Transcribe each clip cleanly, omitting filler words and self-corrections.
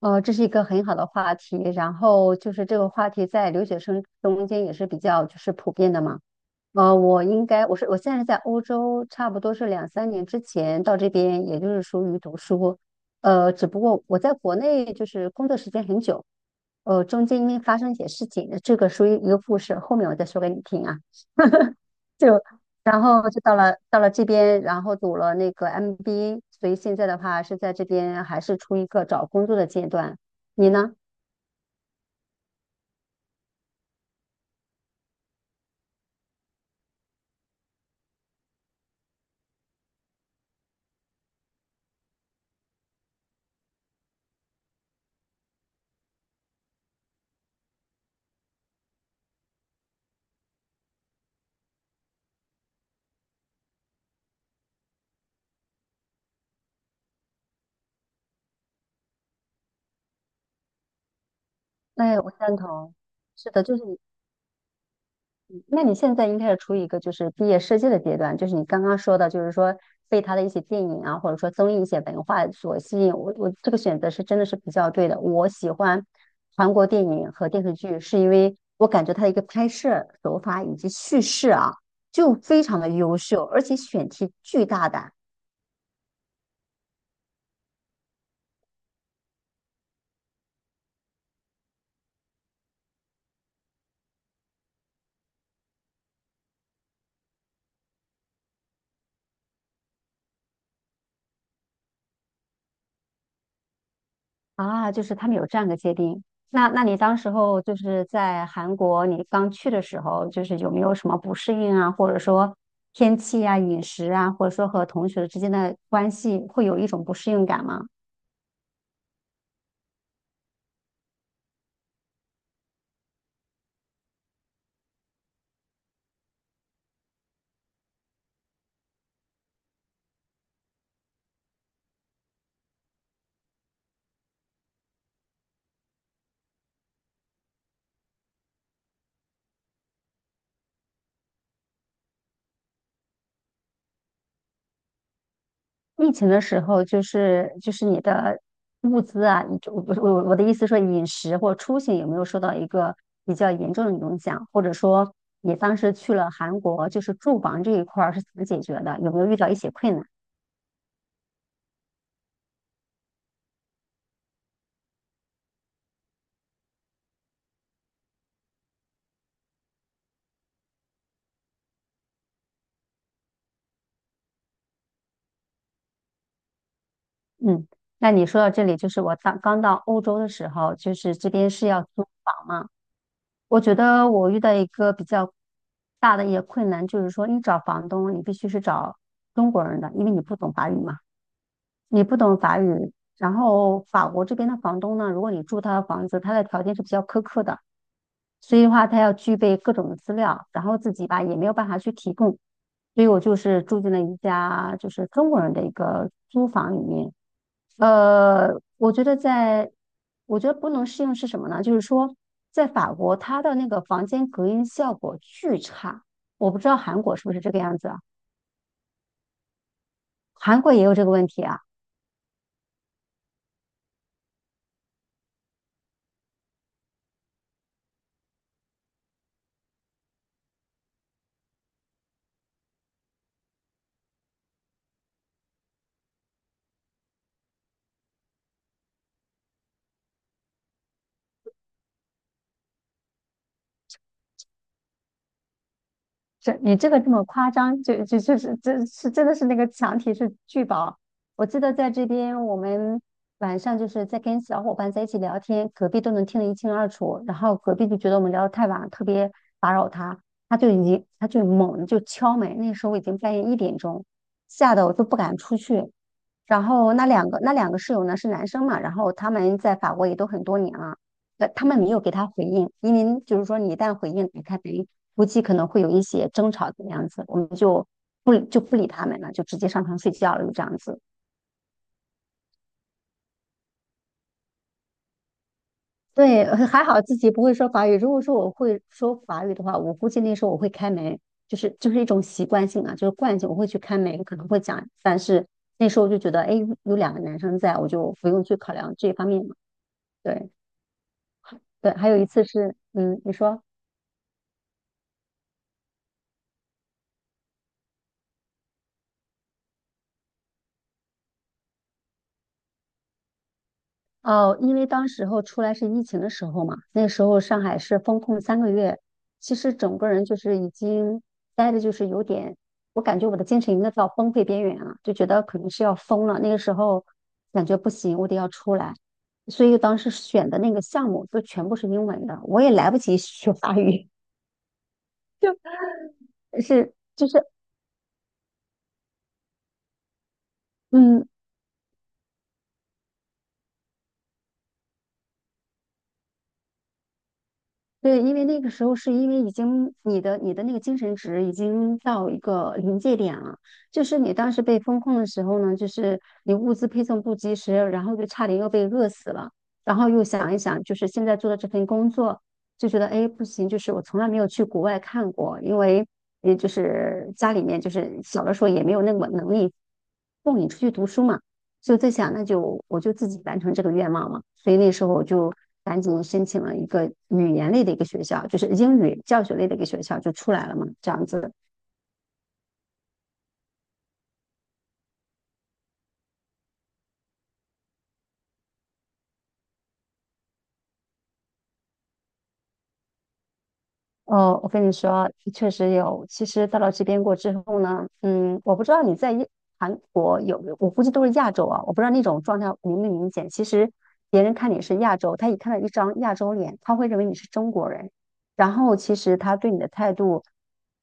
这是一个很好的话题，然后就是这个话题在留学生中间也是比较就是普遍的嘛。呃，我应该我是我现在是在欧洲，差不多是两三年之前到这边，也就是属于读书。只不过我在国内就是工作时间很久，中间因为发生一些事情，这个属于一个故事，后面我再说给你听啊。就然后就到了这边，然后读了那个 MBA,所以现在的话是在这边还是处于一个找工作的阶段。你呢？哎，我赞同。是的，就是你，那你现在应该是处于一个就是毕业设计的阶段，就是你刚刚说的，就是说被他的一些电影啊、或者说综艺一些文化所吸引。我这个选择是真的是比较对的。我喜欢韩国电影和电视剧，是因为我感觉它的一个拍摄手法以及叙事啊，就非常的优秀，而且选题巨大胆。啊，就是他们有这样的界定。那你当时候就是在韩国，你刚去的时候，就是有没有什么不适应啊，或者说天气啊、饮食啊，或者说和同学之间的关系，会有一种不适应感吗？疫情的时候，就是你的物资啊，我不是我的意思说饮食或出行有没有受到一个比较严重的影响，或者说你当时去了韩国，就是住房这一块儿是怎么解决的？有没有遇到一些困难？嗯，那你说到这里，就是我当刚到欧洲的时候，就是这边是要租房嘛。我觉得我遇到一个比较大的一个困难，就是说你找房东，你必须是找中国人的，因为你不懂法语嘛，你不懂法语。然后法国这边的房东呢，如果你住他的房子，他的条件是比较苛刻的，所以的话，他要具备各种的资料，然后自己吧也没有办法去提供，所以我就是住进了一家就是中国人的一个租房里面。呃，我觉得在，我觉得不能适应是什么呢？就是说，在法国，它的那个房间隔音效果巨差，我不知道韩国是不是这个样子啊？韩国也有这个问题啊。这你这个这么夸张，就是这是真的是那个墙体是巨薄。我记得在这边，我们晚上就是在跟小伙伴在一起聊天，隔壁都能听得一清二楚。然后隔壁就觉得我们聊得太晚了特别打扰他，他就已经他就猛地就敲门。那时候已经半夜一点钟，吓得我都不敢出去。然后那两个室友呢是男生嘛，然后他们在法国也都很多年了。他们没有给他回应，因为就是说你一旦回应，他等于估计可能会有一些争吵的样子，我们就不理他们了，就直接上床睡觉了，就这样子。对，还好自己不会说法语。如果说我会说法语的话，我估计那时候我会开门，就是一种习惯性啊，就是惯性，我会去开门，可能会讲。但是那时候就觉得，哎，有两个男生在，我就不用去考量这一方面嘛。对对，还有一次是，嗯，你说。哦，因为当时候出来是疫情的时候嘛，那时候上海是封控三个月，其实整个人就是已经待的，就是有点，我感觉我的精神已经到崩溃边缘了，就觉得可能是要疯了。那个时候感觉不行，我得要出来，所以当时选的那个项目都全部是英文的，我也来不及学法语，是就是嗯，对，因为那个时候是因为已经你的那个精神值已经到一个临界点了，就是你当时被封控的时候呢，就是你物资配送不及时，然后就差点又被饿死了，然后又想一想，就是现在做的这份工作，就觉得哎不行，就是我从来没有去国外看过，因为也就是家里面就是小的时候也没有那么能力供你出去读书嘛。就在想，那就我就自己完成这个愿望嘛。所以那时候我就赶紧申请了一个语言类的一个学校，就是英语教学类的一个学校就出来了嘛，这样子。哦，我跟你说，确实有。其实到了这边过之后呢，嗯，我不知道你韩国有，我估计都是亚洲啊，我不知道那种状态明不明显。其实别人看你是亚洲，他一看到一张亚洲脸，他会认为你是中国人，然后其实他对你的态度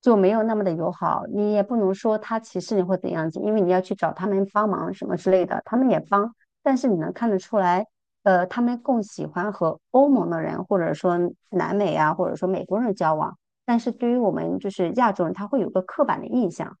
就没有那么的友好。你也不能说他歧视你或怎样子，因为你要去找他们帮忙什么之类的，他们也帮，但是你能看得出来。他们更喜欢和欧盟的人，或者说南美啊，或者说美国人交往。但是对于我们就是亚洲人，他会有个刻板的印象。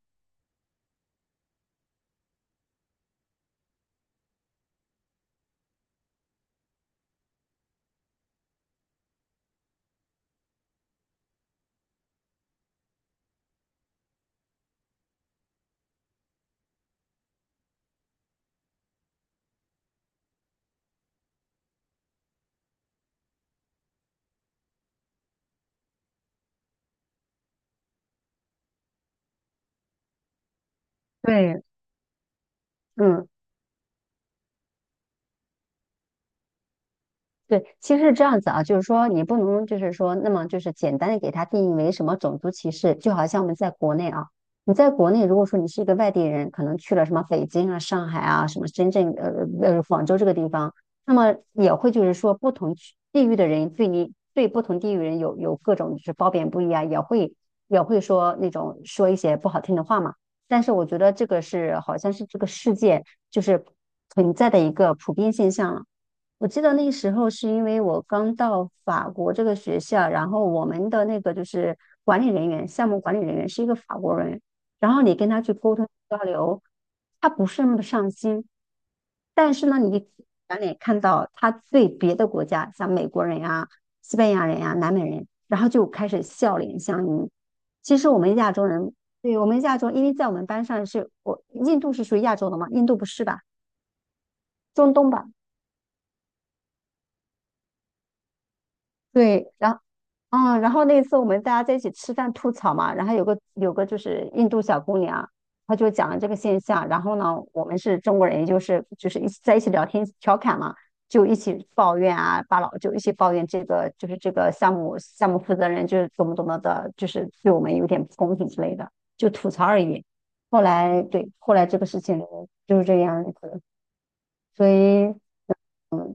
对，嗯，对，其实是这样子啊，就是说你不能就是说那么就是简单的给它定义为什么种族歧视，就好像我们在国内啊，你在国内如果说你是一个外地人，可能去了什么北京啊、上海啊、什么深圳、广州这个地方，那么也会就是说不同区地域的人对你对不同地域人有各种就是褒贬不一啊，也会说那种说一些不好听的话嘛。但是我觉得这个是好像是这个世界就是存在的一个普遍现象了。我记得那时候是因为我刚到法国这个学校，然后我们的那个就是管理人员，项目管理人员是一个法国人，然后你跟他去沟通交流，他不是那么的上心，但是呢，你转脸看到他对别的国家，像美国人呀、西班牙人呀、南美人，然后就开始笑脸相迎。其实我们亚洲人，对我们亚洲，因为在我们班上是我印度是属于亚洲的嘛，印度不是吧？中东吧？对，然后。啊，然后那次我们大家在一起吃饭吐槽嘛，然后有个就是印度小姑娘，她就讲了这个现象，然后呢，我们是中国人，也就是就是一起在一起聊天调侃嘛，就一起抱怨啊，把老就一起抱怨这个就是这个项目负责人就是怎么怎么的，就是对我们有点不公平之类的，就吐槽而已。后来对，后来这个事情就是这样子，所以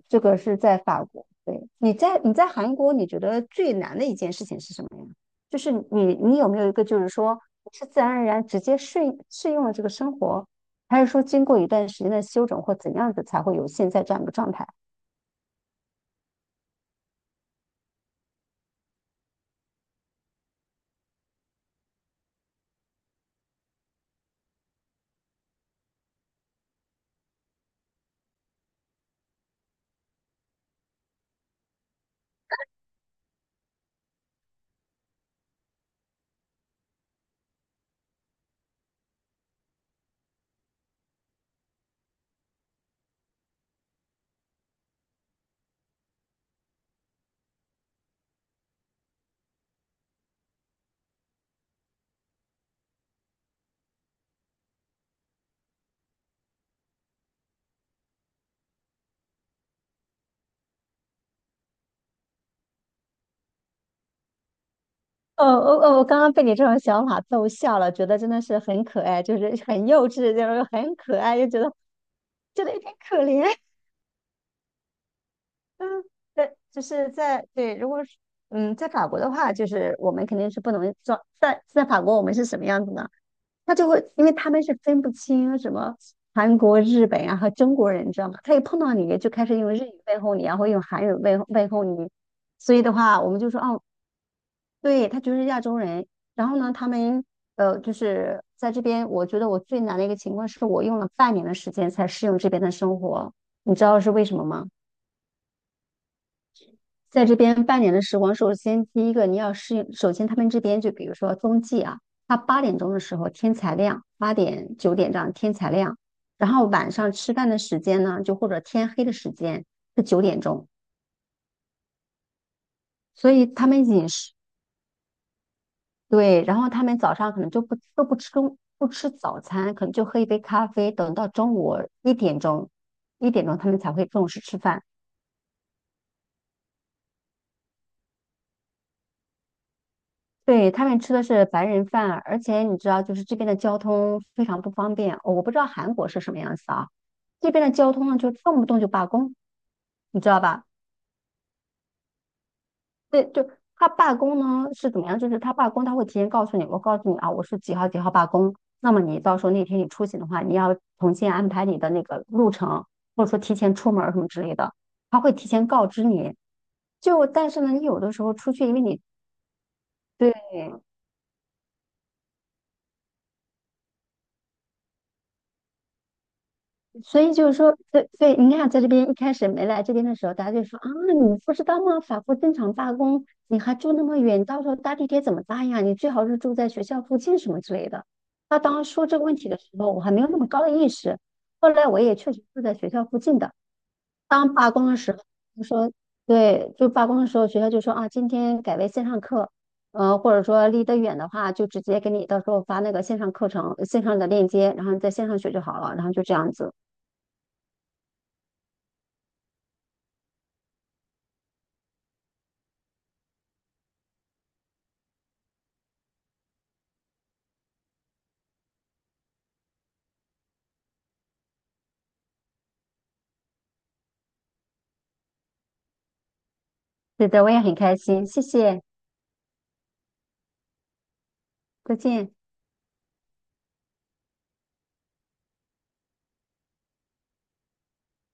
这个是在法国。对，你在韩国，你觉得最难的一件事情是什么呀？就是你有没有一个就是说是自然而然直接适应了这个生活，还是说经过一段时间的修整或怎样子才会有现在这样一个状态？哦哦哦！我刚刚被你这种想法逗笑了，觉得真的是很可爱，就是很幼稚，就是很可爱，就觉得有点可怜。嗯，对，就是在对，如果是在法国的话，就是我们肯定是不能装。在法国，我们是什么样子呢？他就会，因为他们是分不清什么韩国、日本啊和中国人，你知道吗？他一碰到你就开始用日语问候你啊然后用韩语问候你。所以的话，我们就说哦，对，他就是亚洲人。然后呢，他们就是在这边，我觉得我最难的一个情况是我用了半年的时间才适应这边的生活，你知道是为什么吗？在这边半年的时光，首先第一个你要适应，首先他们这边就比如说冬季啊，它8点钟的时候天才亮，8点9点这样天才亮，然后晚上吃饭的时间呢，就或者天黑的时间是9点钟，所以他们饮食对，然后他们早上可能就不都不吃不吃早餐，可能就喝一杯咖啡，等到中午一点钟一点钟他们才会正式吃饭，对，他们吃的是白人饭，而且你知道，就是这边的交通非常不方便。我不知道韩国是什么样子啊，这边的交通呢，就动不动就罢工，你知道吧？对，就他罢工呢是怎么样？就是他罢工，他会提前告诉你，我告诉你啊，我是几号几号罢工。那么你到时候那天你出行的话，你要重新安排你的那个路程，或者说提前出门儿什么之类的，他会提前告知你。就但是呢，你有的时候出去，因为你对。所以就是说，对对，你看，在这边一开始没来这边的时候，大家就说啊，你不知道吗？法国正常罢工，你还住那么远，到时候搭地铁怎么搭呀？你最好是住在学校附近什么之类的。他当时说这个问题的时候，我还没有那么高的意识。后来我也确实住在学校附近的。当罢工的时候，就说对，就罢工的时候，学校就说啊，今天改为线上课，或者说离得远的话，就直接给你到时候发那个线上课程、线上的链接，然后你在线上学就好了，然后就这样子。是的，我也很开心，谢谢，再见。